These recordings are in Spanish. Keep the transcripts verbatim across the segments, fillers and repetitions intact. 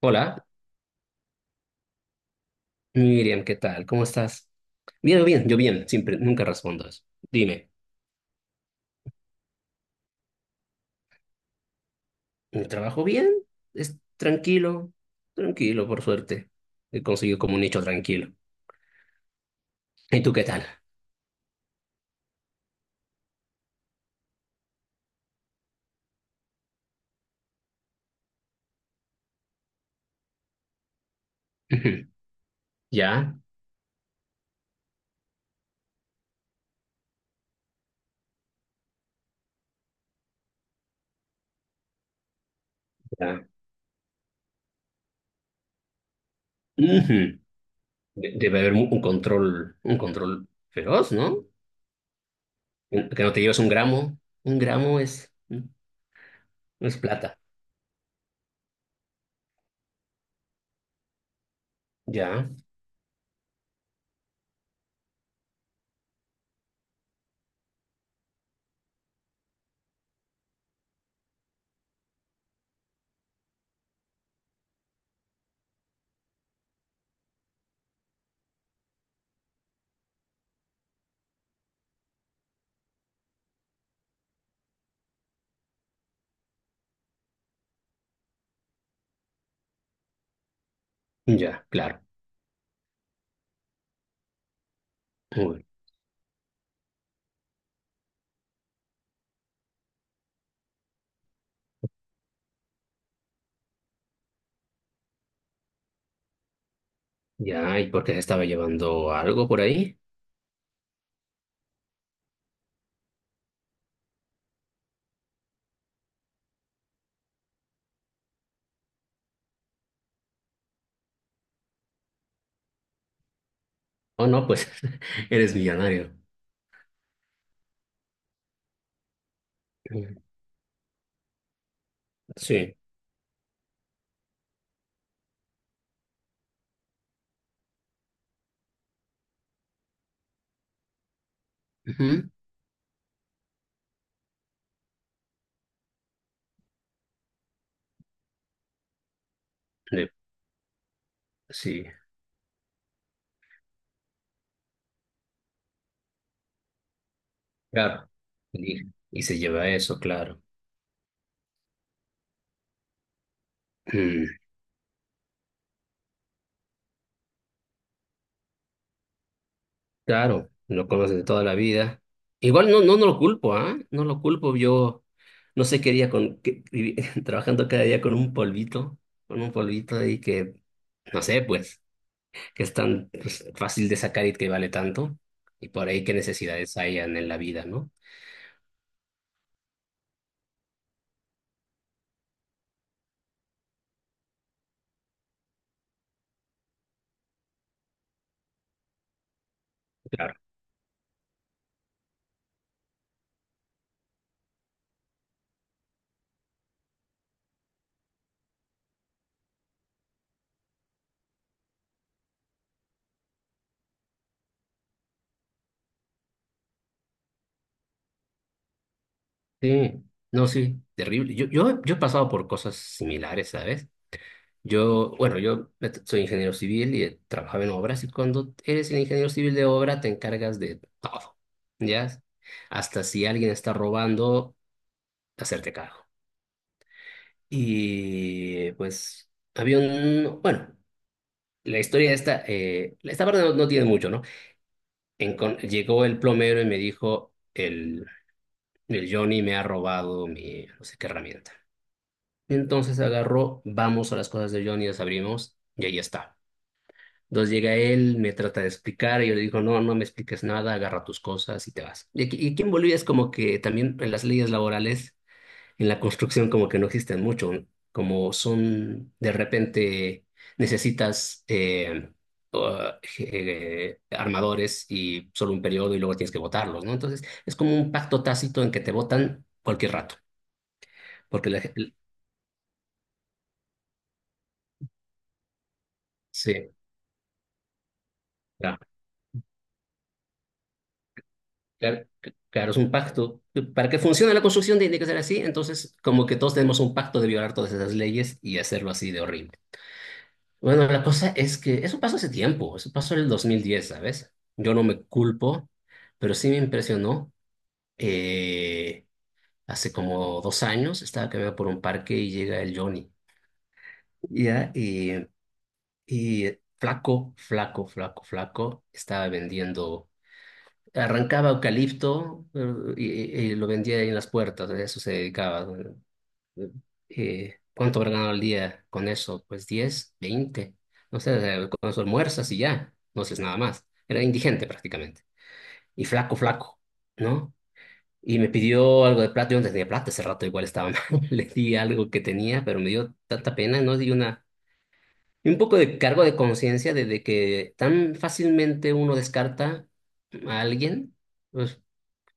Hola, Miriam, ¿qué tal? ¿Cómo estás? Bien, bien, yo bien, siempre, nunca respondo eso. Dime, ¿mi trabajo bien? ¿Es tranquilo? Tranquilo, por suerte. He conseguido como un nicho tranquilo. ¿Y tú qué tal? Ujú. ¿Ya? Ya. Ujú. De- Debe haber un un control, un control feroz, ¿no? Que no te lleves un gramo. Un gramo es, es plata. Ya, ya, claro. Uy, ya, ¿y por qué se estaba llevando algo por ahí? Oh, no, pues eres millonario. Sí. Ujú. Sí, sí, claro. Y, y se lleva eso, claro. Mm, claro, lo conoces de toda la vida. Igual no, no, no lo culpo, ¿ah? No lo culpo. Yo no sé qué día con, que- vivi- trabajando cada día con un polvito, con un polvito y que, no sé, pues, que es tan pues, fácil de sacar y que vale tanto. Y por ahí qué necesidades hayan en la vida, ¿no? Claro. Sí, no, sí, terrible. Yo, yo, yo he pasado por cosas similares, ¿sabes? Yo, bueno, yo soy ingeniero civil y eh, trabajaba en obras, y cuando eres el ingeniero civil de obra te encargas de todo, ¿ya? Hasta si alguien está robando, hacerte cargo. Y pues había un, bueno, la historia esta, eh, esta parte no, no tiene mucho, ¿no? Encon- llegó el plomero y me dijo, el, el Johnny me ha robado mi, no sé qué herramienta. Entonces agarró, vamos a las cosas de Johnny, las abrimos y ahí está. Entonces llega él, me trata de explicar, y yo le digo, no, no me expliques nada, agarra tus cosas y te vas. Y aquí, y aquí en Bolivia es como que también en las leyes laborales, en la construcción como que no existen mucho, ¿no? Como son de repente necesitas eh, uh, eh, armadores y solo un periodo y luego tienes que votarlos, ¿no? Entonces es como un pacto tácito en que te votan cualquier rato, porque la, gen- sí, claro, c- claro, es un pacto. Para que funcione la construcción tiene que ser así, entonces como que todos tenemos un pacto de violar todas esas leyes y hacerlo así de horrible. Bueno, la cosa es que eso pasó hace tiempo, eso pasó en el dos mil diez, ¿sabes? Yo no me culpo, pero sí me impresionó. Eh, Hace como dos años estaba caminando por un parque y llega el Johnny, ¿ya? Y, y flaco, flaco, flaco, flaco, estaba vendiendo. Arrancaba eucalipto eh, y, y- y lo vendía ahí en las puertas, a eso se dedicaba. Eh, eh, ¿cuánto habrá ganado al día con eso? Pues diez veinte no sé, eh, con eso almuerzas y ya, no haces nada más. Era indigente prácticamente. Y flaco, flaco, ¿no? Y me pidió algo de plata, yo no tenía plata, ese rato igual estaba mal. Le di algo que tenía, pero me dio tanta pena, ¿no? Di una... y un poco de cargo de conciencia de, de que tan fácilmente uno descarta a alguien. Pues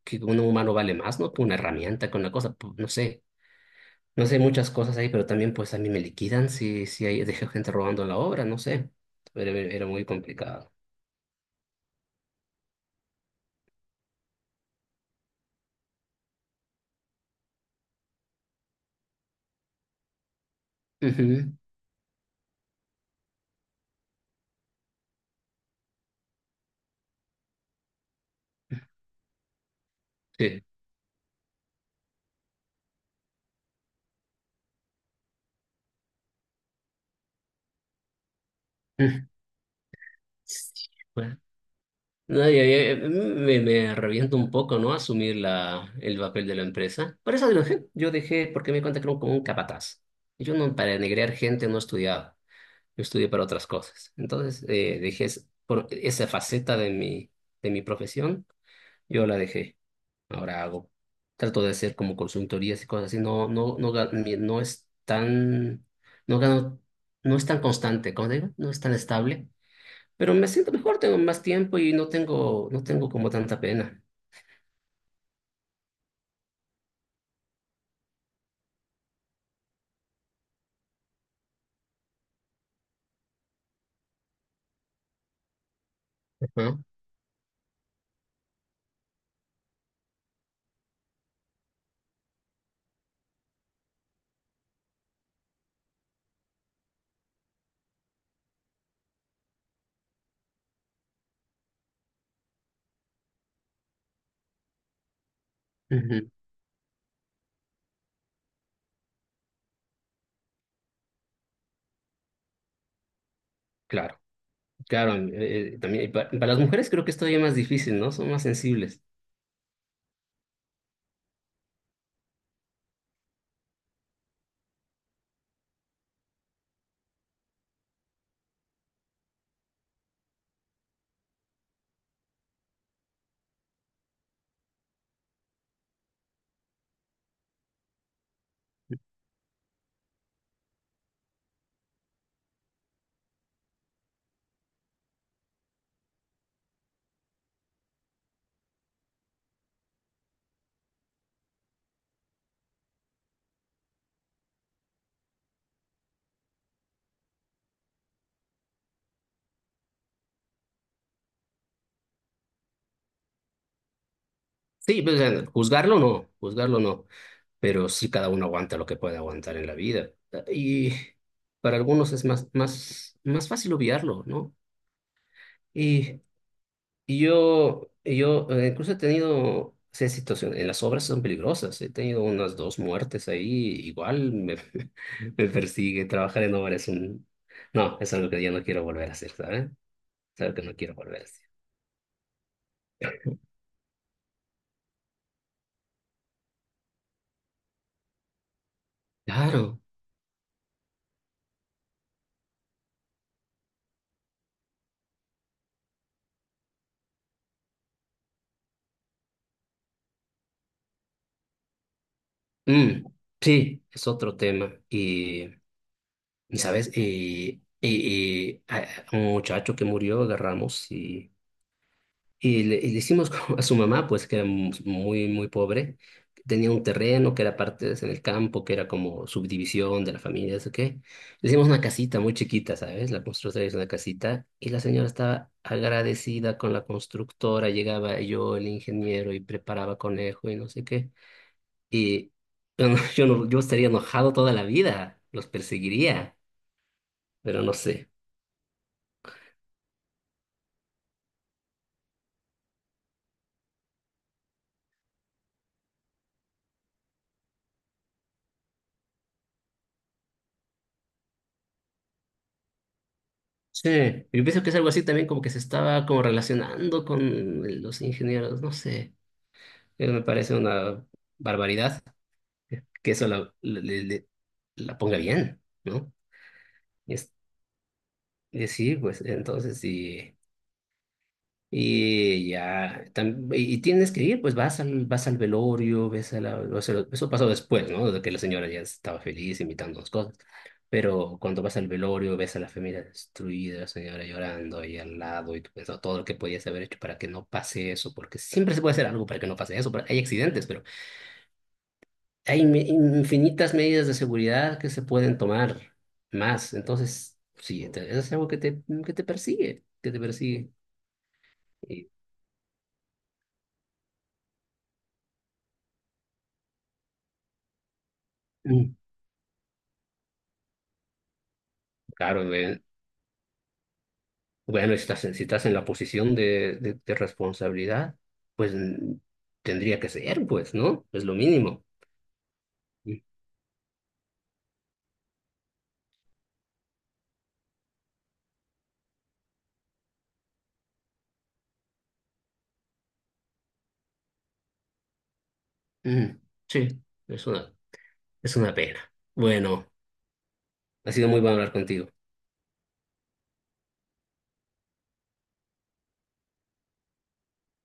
que un humano vale más, ¿no? Que una herramienta, que una cosa, pu- no sé. No sé, muchas cosas ahí, pero también pues a mí me liquidan si, si hay, dejo gente robando la obra, no sé. Era, era muy complicado. Ujú. Sí. Mm. Sí, bueno. No, ya- ya, me, me reviento un poco, ¿no? Asumir la, el papel de la empresa. Por eso lo dejé. Yo dejé porque me di cuenta que era un- como un capataz. Y yo no, para negrear gente no estudiaba. Yo estudié para otras cosas. Entonces, eh, dejé es- por esa faceta de mi, de mi profesión, yo la dejé. Ahora hago. Trato de hacer como consultorías y cosas así. No, no, no, ga- mi- no es tan, no gano, no es tan constante, como digo, no es tan estable. Pero me siento mejor, tengo más tiempo y no tengo, no tengo como tanta pena. Ajá. Ujú. Claro, claro, eh, eh, también y pa- para, las mujeres creo que es todavía más difícil, ¿no? Son más sensibles. Sí, pues, eh, juzgarlo no, juzgarlo no, pero sí cada uno aguanta lo que puede aguantar en la vida. Y para algunos es más, más, más fácil obviarlo, ¿no? Y, y yo, y yo eh, incluso he tenido esa situación, en las obras son peligrosas, he tenido unas dos muertes ahí, igual me, me persigue, trabajar en obra es un... No, es algo que ya no quiero volver a hacer, ¿sabes? Es algo que no quiero volver a hacer. Claro. Mm, sí, es otro tema. Y y sabes, eh, eh, eh, a- a un muchacho que murió agarramos y, y le, y le hicimos como a su mamá, pues que era mu- muy, muy pobre, tenía un terreno que era parte de- en el campo, que era como subdivisión de la familia, eso qué. Le hicimos una casita muy chiquita, ¿sabes? La constructora hizo una casita y la señora estaba agradecida con la constructora, llegaba yo, el ingeniero, y preparaba conejo y no sé qué. Y yo, no- yo, no- yo estaría enojado toda la vida, los perseguiría, pero no sé. Sí, yo pienso que es algo así también como que se estaba como relacionando con los ingenieros, no sé, Eh, me parece una barbaridad que eso la, le- le- la ponga bien, ¿no? Es, y sí, pues entonces sí. Y ya, tam- y y tienes que ir, pues vas al, vas al velorio, ves a la, o sea, eso pasó después, ¿no? De que la señora ya estaba feliz imitando las cosas. Pero cuando vas al velorio, ves a la familia destruida, la señora llorando ahí al lado, y tú pensando todo lo que podías haber hecho para que no pase eso, porque siempre se puede hacer algo para que no pase eso, porque hay accidentes, pero hay inme- infinitas medidas de seguridad que se pueden tomar más. Entonces, sí, te- eso es algo que te, que te persigue, que te persigue. Y, mm, claro, bueno, si estás en- si estás en la posición de, de, de responsabilidad, pues mm, tendría que ser, pues, ¿no? Es lo mínimo. Mm. Mm, sí, es una, es una pena. Bueno, ha sido muy bueno hablar contigo.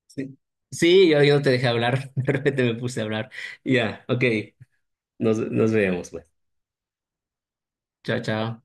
Sí, sí, yo, yo no te dejé hablar, de repente me puse a hablar. Ya, ok, nos, nos vemos, pues. Chao, chao.